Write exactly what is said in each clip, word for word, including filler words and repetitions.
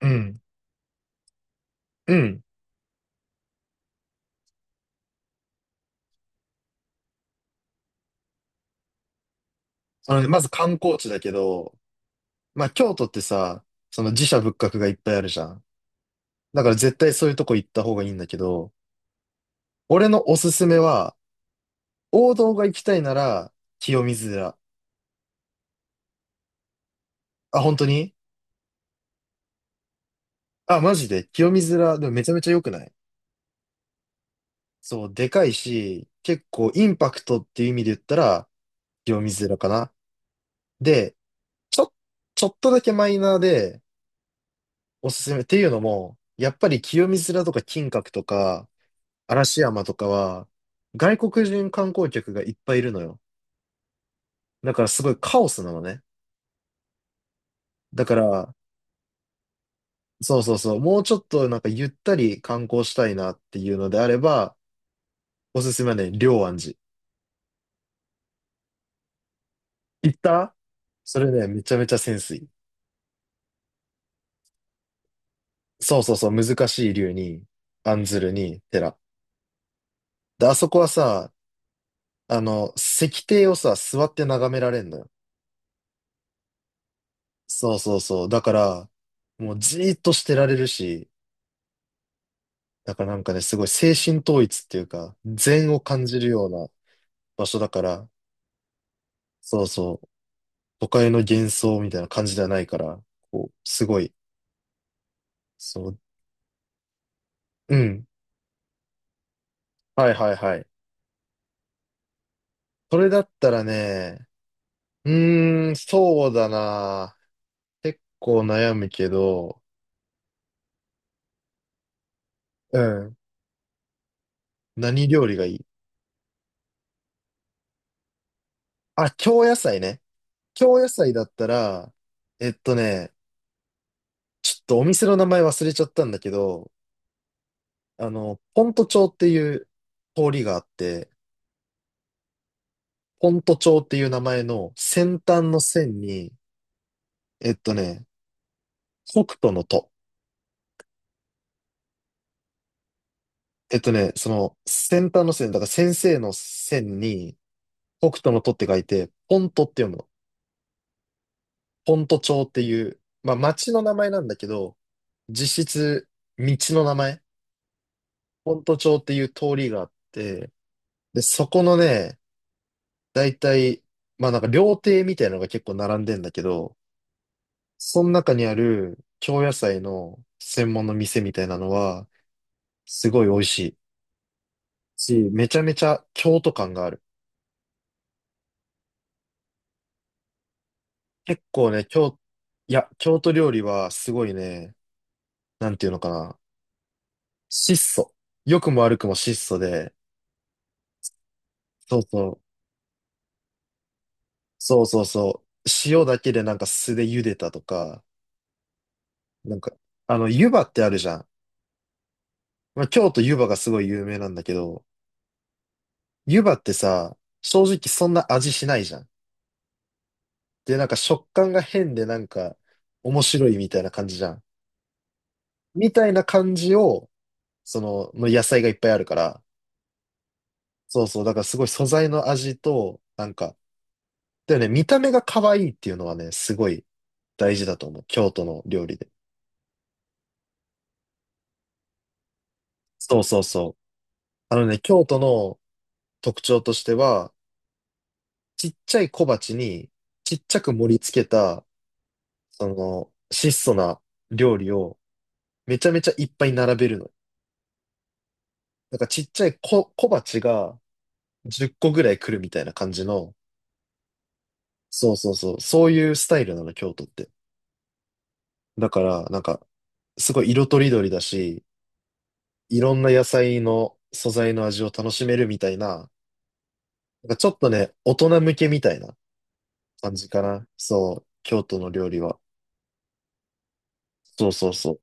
うん。うん。あのね、まず観光地だけど、まあ京都ってさ、その寺社仏閣がいっぱいあるじゃん。だから絶対そういうとこ行った方がいいんだけど、俺のおすすめは、王道が行きたいなら、清水寺。あ、本当に、あ、マジで清水寺、でもめちゃめちゃ良くない？そう、でかいし、結構インパクトっていう意味で言ったら、清水寺かな。で、ちょ、ちょっとだけマイナーでおすすめっていうのも、やっぱり清水寺とか金閣とか、嵐山とかは、外国人観光客がいっぱいいるのよ。だからすごいカオスなのね。だから、そうそうそう、もうちょっとなんかゆったり観光したいなっていうのであれば、おすすめはね、龍安寺。行った？それね、めちゃめちゃセンスいい。そうそうそう、難しい龍に、案ずるに、寺。で、あそこはさ、あの、石庭をさ、座って眺められんのよ。そうそうそう。だから、もうじーっとしてられるし、だからなんかね、すごい精神統一っていうか、禅を感じるような場所だから、そうそう、都会の幻想みたいな感じではないから、こう、すごい、そう、うん。はいはいはい。それだったらね、うーん、そうだな。結構悩むけど、うん。何料理がいい？あ、京野菜ね。京野菜だったら、えっとね、ちょっとお店の名前忘れちゃったんだけど、あの、ポント町っていう通りがあって、フォント帳っていう名前の先端の線に、えっとね、北斗のと、えっとね、その先端の線、だから先生の線に北斗のとって書いて、ポントって読むの。ポント町っていう、まあ町の名前なんだけど、実質道の名前、ポント町っていう通りがあって、で、そこのね、だいたい、まあなんか料亭みたいなのが結構並んでんだけど、その中にある京野菜の専門の店みたいなのは、すごい美味しいし、めちゃめちゃ京都感がある。結構ね、京、いや、京都料理はすごいね、なんていうのかな、質素。良くも悪くも質素で、そうそう、そうそうそう、塩だけでなんか酢で茹でたとか、なんか、あの、湯葉ってあるじゃん。まあ、京都湯葉がすごい有名なんだけど、湯葉ってさ、正直そんな味しないじゃん。で、なんか食感が変でなんか面白いみたいな感じじゃん。みたいな感じを、その、の野菜がいっぱいあるから。そうそう。だからすごい素材の味と、なんか、だよね、見た目が可愛いっていうのはね、すごい大事だと思う。京都の料理で。そうそうそう。あのね、京都の特徴としては、ちっちゃい小鉢にちっちゃく盛り付けた、その、質素な料理をめちゃめちゃいっぱい並べるの。なんかちっちゃい小、小鉢がじゅっこぐらい来るみたいな感じの、そうそうそう、そういうスタイルなの、京都って。だから、なんか、すごい色とりどりだし、いろんな野菜の素材の味を楽しめるみたいな、なんかちょっとね、大人向けみたいな感じかな。そう、京都の料理は。そうそうそう。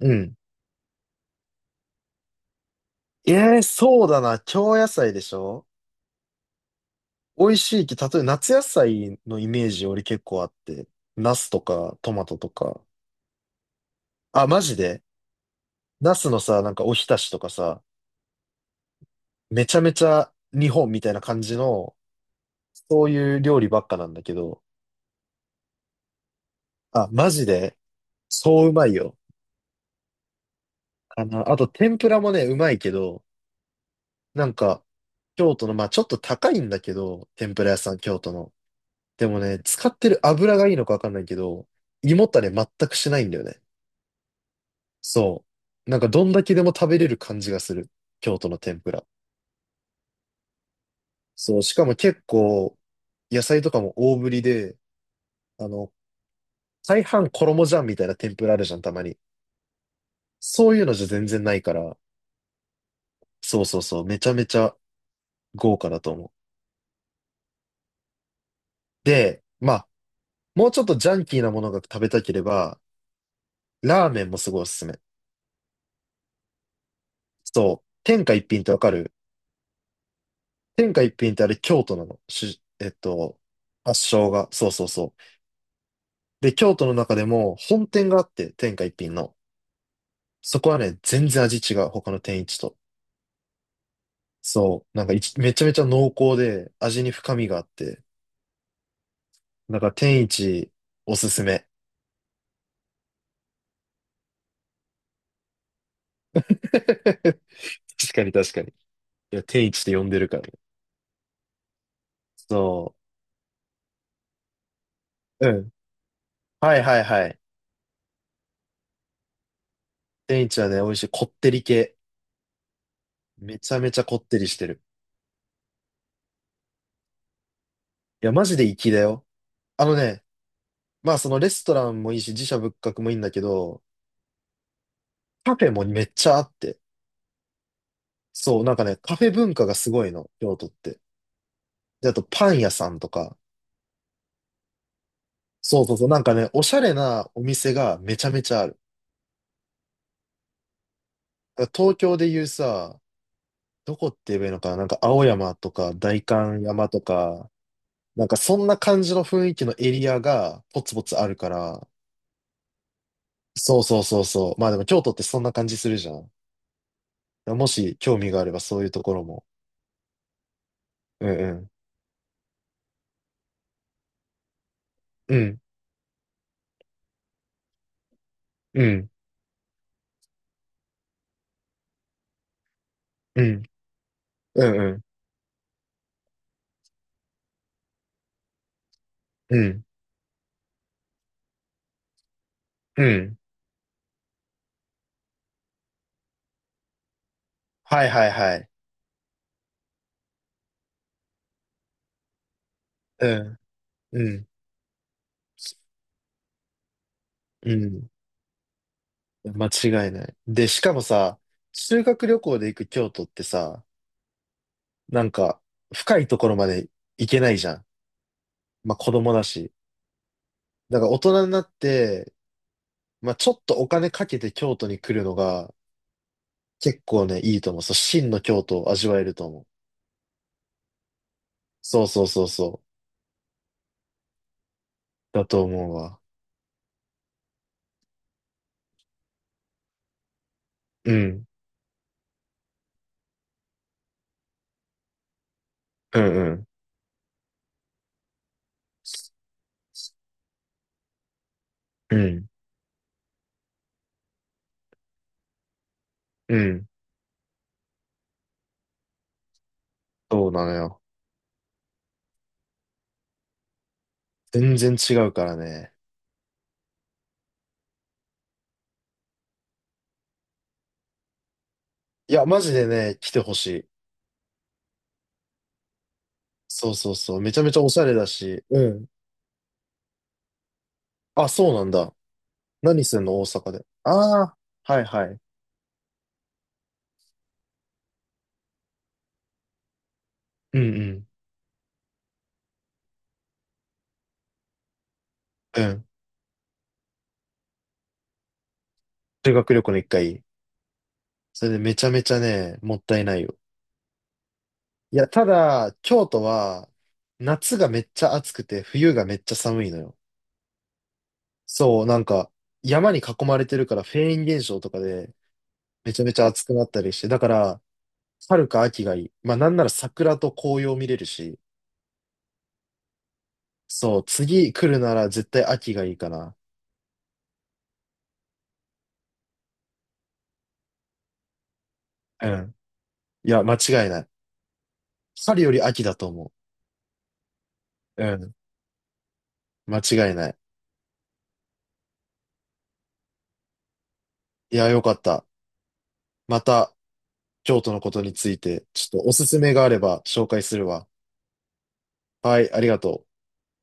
うん。ええそうだな。京野菜でしょ？美味しいき、例えば夏野菜のイメージ俺結構あって、ナスとかトマトとか。あ、マジで？ナスのさ、なんかおひたしとかさ、めちゃめちゃ日本みたいな感じの、そういう料理ばっかなんだけど、あ、マジで、そううまいよ。あの、あと天ぷらもね、うまいけど、なんか、京都の、まあちょっと高いんだけど、天ぷら屋さん、京都の。でもね、使ってる油がいいのかわかんないけど、胃もたれ全くしないんだよね。そう。なんかどんだけでも食べれる感じがする。京都の天ぷら。そう、しかも結構、野菜とかも大ぶりで、あの、大半衣じゃんみたいな天ぷらあるじゃん、たまに。そういうのじゃ全然ないから、そうそうそう、めちゃめちゃ豪華だと思う。で、まあ、もうちょっとジャンキーなものが食べたければ、ラーメンもすごいおすすめ。そう、天下一品ってわかる？天下一品ってあれ京都なの。し、えっと、発祥が。そうそうそう。で、京都の中でも本店があって、天下一品の。そこはね、全然味違う。他の天一と。そう、なんかいちめちゃめちゃ濃厚で、味に深みがあって、なんか天一おすすめ。確かに確かに。いや、天一って呼んでるからね。そう。うん。はいはいはい。天一はね、美味しい。こってり系。めちゃめちゃこってりしてる。いや、マジで粋だよ。あのね、まあそのレストランもいいし、自社仏閣もいいんだけど、カフェもめっちゃあって。そう、なんかね、カフェ文化がすごいの、京都って。で、あとパン屋さんとか。そうそうそう、なんかね、おしゃれなお店がめちゃめちゃある。だから東京でいうさ、どこって言えばいいのかな、なんか青山とか代官山とか、なんかそんな感じの雰囲気のエリアがポツポツあるから、そうそうそうそう。まあでも京都ってそんな感じするじゃん。もし興味があればそういうところも。うんうん。うん。うん。うん。うんうん。うん。うん。はいはいはい。うん。うん。うん。間違いない。で、しかもさ、修学旅行で行く京都ってさ、なんか深いところまで行けないじゃん。まあ子供だし。だから大人になって、まあちょっとお金かけて京都に来るのが結構ね、いいと思う。そう、真の京都を味わえると思う。そうそうそうそう。だと思うわ。うん。うんうん。うん。うん。そうなのよ。全然違うからね。いや、マジでね、来てほしい。そうそうそう。めちゃめちゃおしゃれだし。うん。あ、そうなんだ。何すんの大阪で？ああ、はいはい。うんうん。うん。修学旅行の一回。それでめちゃめちゃね、もったいないよ。いや、ただ、京都は、夏がめっちゃ暑くて、冬がめっちゃ寒いのよ。そう、なんか、山に囲まれてるから、フェーン現象とかで、めちゃめちゃ暑くなったりして、だから、春か秋がいい。まあ、なんなら桜と紅葉見れるし、そう、次来るなら絶対秋がいいかな。うん。いや、間違いない。春より秋だと思う。うん。間違いない。いや、よかった。また、京都のことについて、ちょっとおすすめがあれば紹介するわ。はい、ありがとう。